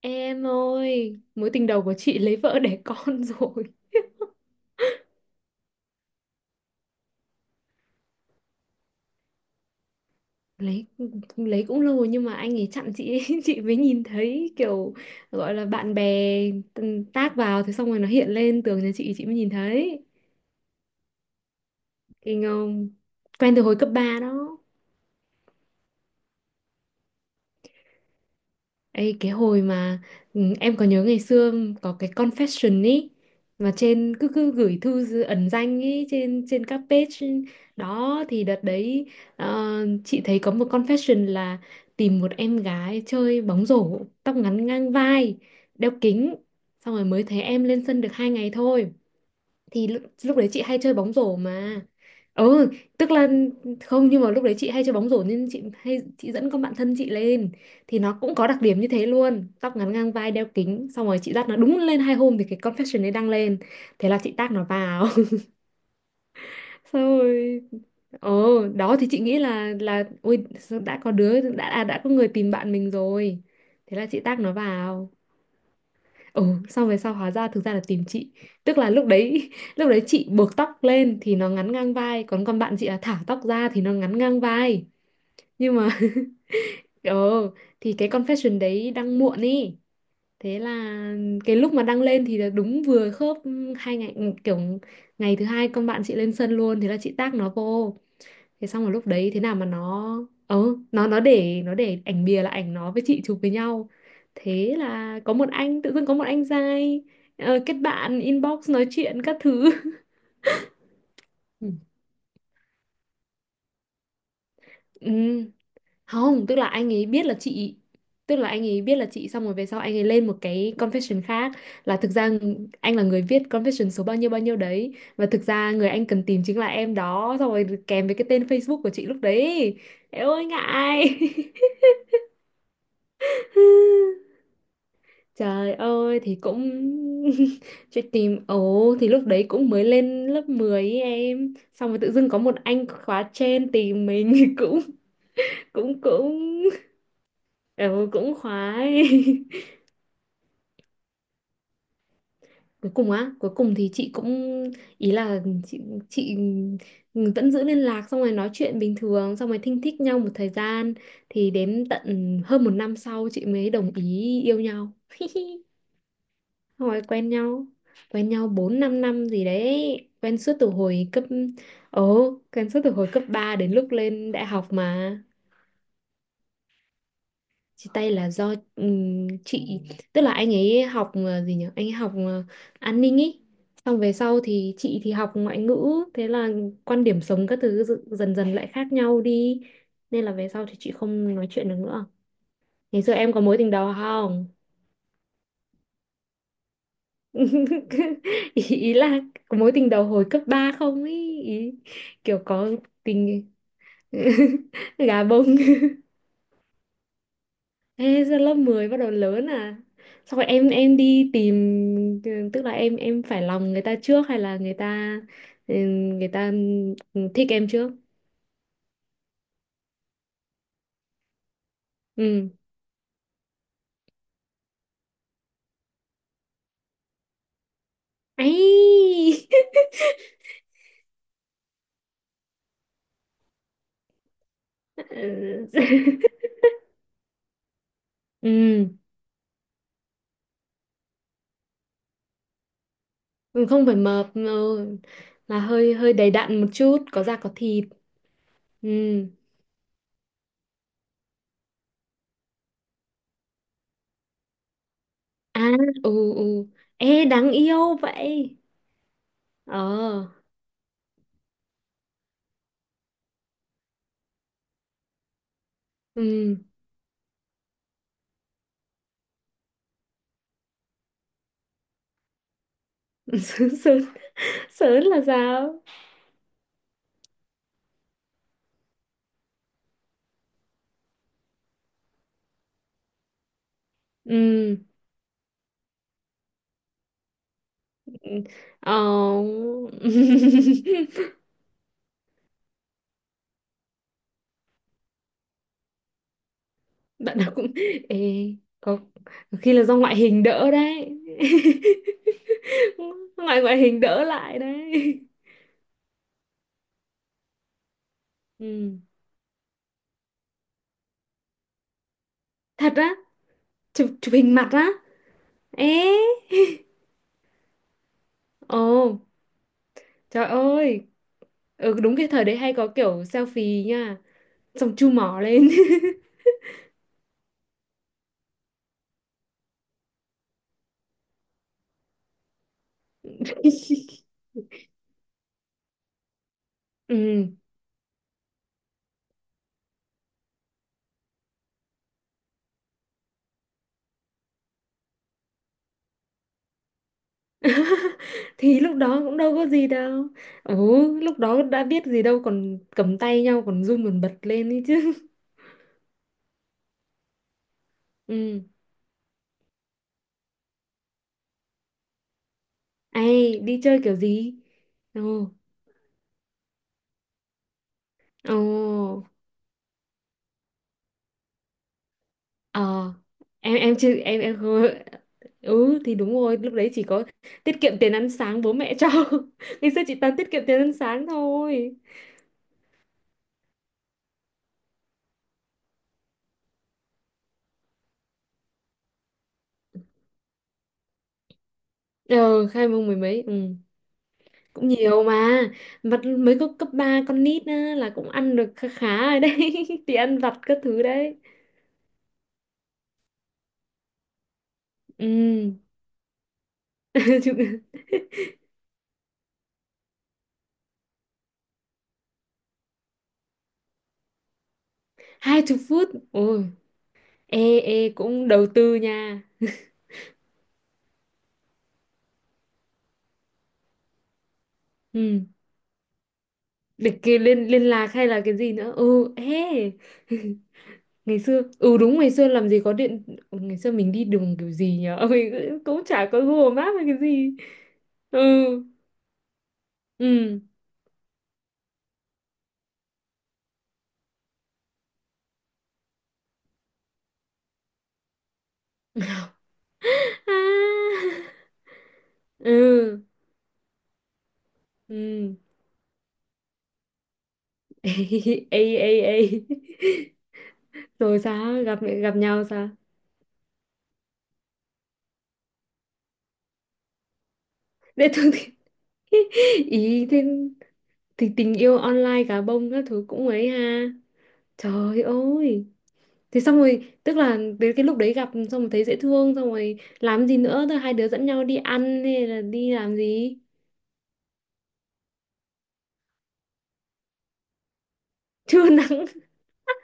Em ơi, mối tình đầu của chị lấy vợ đẻ con rồi. Lấy lấy cũng lâu rồi nhưng mà anh ấy chặn chị ấy, chị mới nhìn thấy kiểu gọi là bạn bè, tag vào thế xong rồi nó hiện lên tường nhà chị mới nhìn thấy. Kinh không? Quen từ hồi cấp 3 đó. Ê, cái hồi mà, em có nhớ ngày xưa có cái confession ý, mà trên cứ cứ gửi thư ẩn danh ý trên trên các page đó, thì đợt đấy, ờ, chị thấy có một confession là tìm một em gái chơi bóng rổ tóc ngắn ngang vai, đeo kính. Xong rồi mới thấy em lên sân được hai ngày thôi, thì lúc đấy chị hay chơi bóng rổ mà. Ừ, tức là không, nhưng mà lúc đấy chị hay chơi bóng rổ nên chị hay dẫn con bạn thân chị lên, thì nó cũng có đặc điểm như thế luôn, tóc ngắn ngang vai đeo kính. Xong rồi chị dắt nó đúng lên hai hôm thì cái confession ấy đăng lên, thế là chị tag nó vào. Xong rồi ồ, đó thì chị nghĩ là ôi sao đã có đứa đã à, đã có người tìm bạn mình rồi, thế là chị tag nó vào. Ừ, xong về sau hóa ra thực ra là tìm chị. Tức là lúc đấy lúc đấy chị buộc tóc lên thì nó ngắn ngang vai, còn con bạn chị là thả tóc ra thì nó ngắn ngang vai. Nhưng mà ờ thì cái confession đấy đăng muộn ý. Thế là cái lúc mà đăng lên thì là đúng vừa khớp hai ngày. Kiểu ngày thứ hai con bạn chị lên sân luôn, thế là chị tag nó vô. Thế xong rồi lúc đấy thế nào mà nó, nó để, nó để ảnh bìa là ảnh nó với chị chụp với nhau, thế là có một anh, tự dưng có một anh giai, kết bạn inbox nói chuyện các thứ. Ừ. Ừ. Không, tức là anh ấy biết là chị, tức là anh ấy biết là chị. Xong rồi về sau anh ấy lên một cái confession khác, là thực ra anh là người viết confession số bao nhiêu đấy, và thực ra người anh cần tìm chính là em đó, xong rồi kèm với cái tên Facebook của chị lúc đấy. Eo ơi ngại. Trời ơi thì cũng chuyện tìm, ồ thì lúc đấy cũng mới lên lớp 10 ấy em, xong rồi tự dưng có một anh khóa trên tìm mình, cũng cũng cũng ừ, cũng khoái. Cuối cùng á, cuối cùng thì chị cũng, ý là chị vẫn giữ liên lạc, xong rồi nói chuyện bình thường, xong rồi thinh thích nhau một thời gian, thì đến tận hơn một năm sau chị mới đồng ý yêu nhau. Hồi quen nhau, quen nhau bốn 5 năm gì đấy. Quen suốt từ hồi cấp, ồ, quen suốt từ hồi cấp 3 đến lúc lên đại học mà. Chia tay là do, chị, tức là anh ấy học, gì nhỉ, anh ấy học, an ninh ý. Xong về sau thì chị học ngoại ngữ. Thế là quan điểm sống các thứ dần dần lại khác nhau đi, nên là về sau thì chị không nói chuyện được nữa. Ngày xưa em có mối tình đầu không? Ý là có mối tình đầu hồi cấp 3 không, ý, kiểu có tình gà bông. Ê, giờ lớp 10 bắt đầu lớn à? Xong rồi em đi tìm, tức là em phải lòng người ta trước hay là người ta, ừ, người ta thích em trước. Ừ. Ấy, ừ, không phải mập. Ừ. Là hơi hơi đầy đặn một chút, có da có thịt. Ừ. À, ừ, ừ. Ê, đáng yêu vậy. Ờ, ừ. Sớn, sớn, sớn là sao? Ừ. Ờ. Bạn nào cũng... Ê, có, có khi là do ngoại hình đỡ đấy. Ngoại ngoại hình đỡ lại đấy. Ừ. Thật á, chụp hình mặt á. Ê. Ồ, trời ơi. Ừ, đúng cái thời đấy hay có kiểu selfie nha. Xong chu mỏ lên. Ừ. Thì lúc đó cũng đâu có gì đâu. Ừ, lúc đó đã biết gì đâu, còn cầm tay nhau còn run còn bật lên ấy chứ. Ừ. Ai đi chơi kiểu gì? Ồ. Ồ. Ờ. Em chưa em em không. Ừ thì đúng rồi, lúc đấy chỉ có tiết kiệm tiền ăn sáng bố mẹ cho. Ngày xưa chị toàn tiết kiệm tiền ăn sáng thôi. Ờ, hai mông mười mấy. Ừ. Cũng nhiều mà, vặt mới có cấp 3 con nít á, là cũng ăn được khá khá rồi đấy, thì ăn vặt các thứ đấy. Ừ. Chụp-, hai chục phút ôi. Ê ê cũng đầu tư nha. Ừ, để kia liên liên lạc hay là cái gì nữa. Ừ, ê. Ngày xưa, ừ đúng, ngày xưa làm gì có điện. Ừ, ngày xưa mình đi đường kiểu gì nhở, mình cũng cũng chả có Google Maps hay cái gì. Ừ. Ừ. À. Ừ. Ừ. Ê ê ê. Rồi sao, gặp gặp nhau sao, để thường thì ý thế, thì tình yêu online gà bông các thứ cũng ấy ha. Trời ơi. Thế xong rồi tức là đến cái lúc đấy gặp xong rồi thấy dễ thương, xong rồi làm gì nữa, thôi hai đứa dẫn nhau đi ăn hay là đi làm gì? Trưa nắng.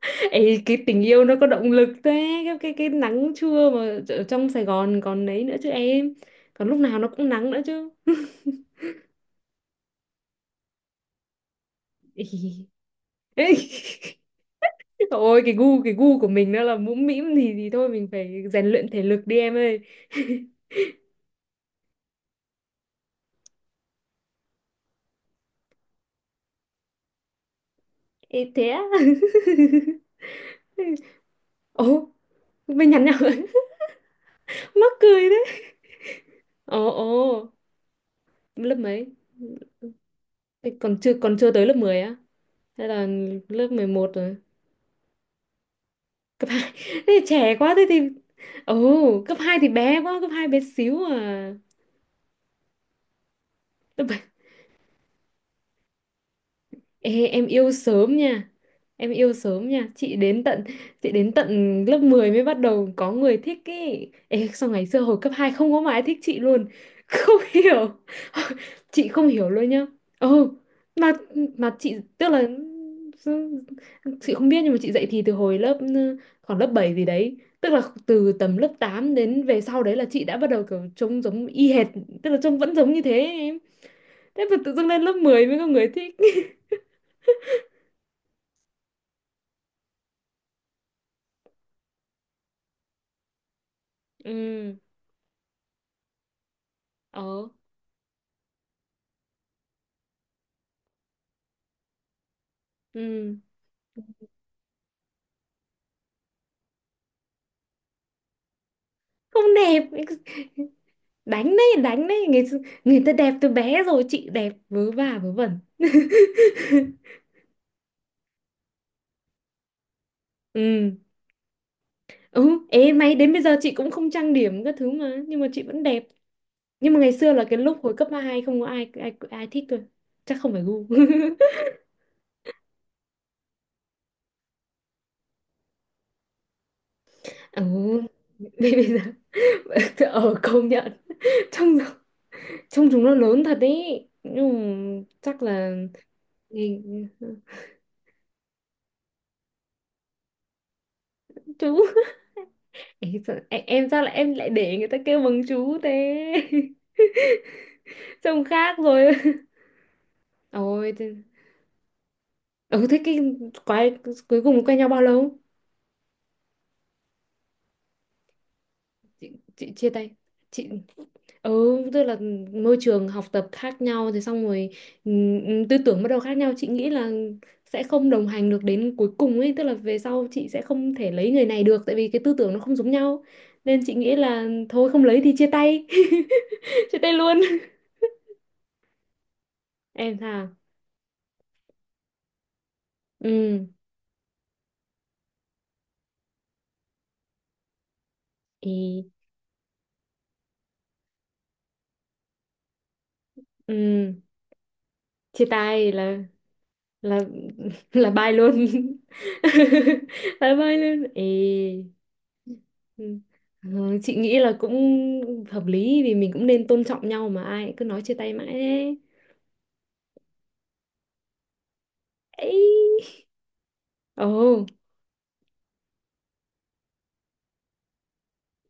Ấy, cái tình yêu nó có động lực thế. Cái nắng trưa mà ở trong Sài Gòn còn đấy nữa chứ em, còn lúc nào nó cũng nắng nữa chứ. Ý. Ê. Ôi cái gu của mình nó là mũm mĩm thì thôi mình phải rèn luyện thể lực đi em ơi. Ê, thế á. Ồ, mình nhắn nhau. Mắc cười đấy. Ồ ồ, lớp mấy? Thế còn chưa, còn chưa tới lớp 10 á? Hay là lớp mười một rồi? Cấp hai. Thế thì trẻ quá, thế thì ồ, cấp 2 thì bé quá, cấp 2 bé xíu à. Lớp, ê, em yêu sớm nha, em yêu sớm nha. Chị đến tận, chị đến tận lớp 10 mới bắt đầu có người thích ý. Ê, sao ngày xưa hồi cấp 2 không có mà ai thích chị luôn, không hiểu, chị không hiểu luôn nhá. Ừ, mà mà chị, tức là, ừ, chị không biết nhưng mà chị dạy thì từ hồi lớp, khoảng lớp 7 gì đấy, tức là từ tầm lớp 8 đến về sau đấy là chị đã bắt đầu kiểu trông giống y hệt, tức là trông vẫn giống như thế em, thế mà tự dưng lên lớp 10 mới có người thích. Ừ. Ờ. Ừ. Không đẹp. Đánh đấy đánh đấy, người, người ta đẹp từ bé rồi, chị đẹp vớ va vớ vẩn. Ừ. Ừ, ê may, đến bây giờ chị cũng không trang điểm các thứ mà nhưng mà chị vẫn đẹp. Nhưng mà ngày xưa là cái lúc hồi cấp 2 không có ai ai ai thích tôi, chắc không phải gu. Ừ, bây bây giờ. Ở công nhận, trông, trông chúng nó lớn thật đấy nhưng mà chắc là chú. Ê, sao, em sao lại, em lại để người ta kêu bằng chú thế? Trông khác rồi. Ôi thế-, ừ thế cái quái, cuối cùng quen nhau bao lâu? Chị chia tay, chị, ừ, tức là môi trường học tập khác nhau, thế xong rồi tư tưởng bắt đầu khác nhau. Chị nghĩ là sẽ không đồng hành được đến cuối cùng ấy, tức là về sau chị sẽ không thể lấy người này được, tại vì cái tư tưởng nó không giống nhau, nên chị nghĩ là thôi không lấy thì chia tay, chia tay luôn. Em thà, ừ. Ê, ừ, chia tay là, là là bye luôn. Là bye luôn. Ê, ừ. Ờ, chị nghĩ là cũng hợp lý, vì mình cũng nên tôn trọng nhau mà, ai cứ nói chia tay mãi ấy. Ấy. Ồ.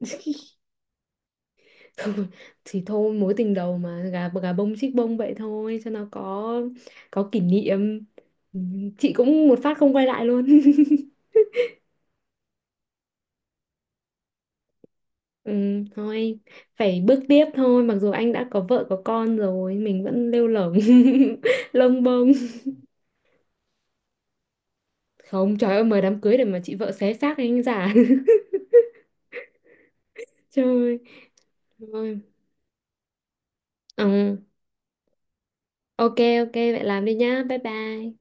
Thôi, thì thôi mối tình đầu mà gà, gà bông chích bông vậy thôi cho nó có kỷ niệm. Ừ, chị cũng một phát không quay lại luôn. Ừ, thôi phải bước tiếp thôi, mặc dù anh đã có vợ có con rồi mình vẫn lêu lổng, lông bông. Không, trời ơi, mời đám cưới để mà chị vợ xé xác anh giả. Trời ơi. Thôi. Ừ, ok, ok vậy làm đi nhá, bye bye.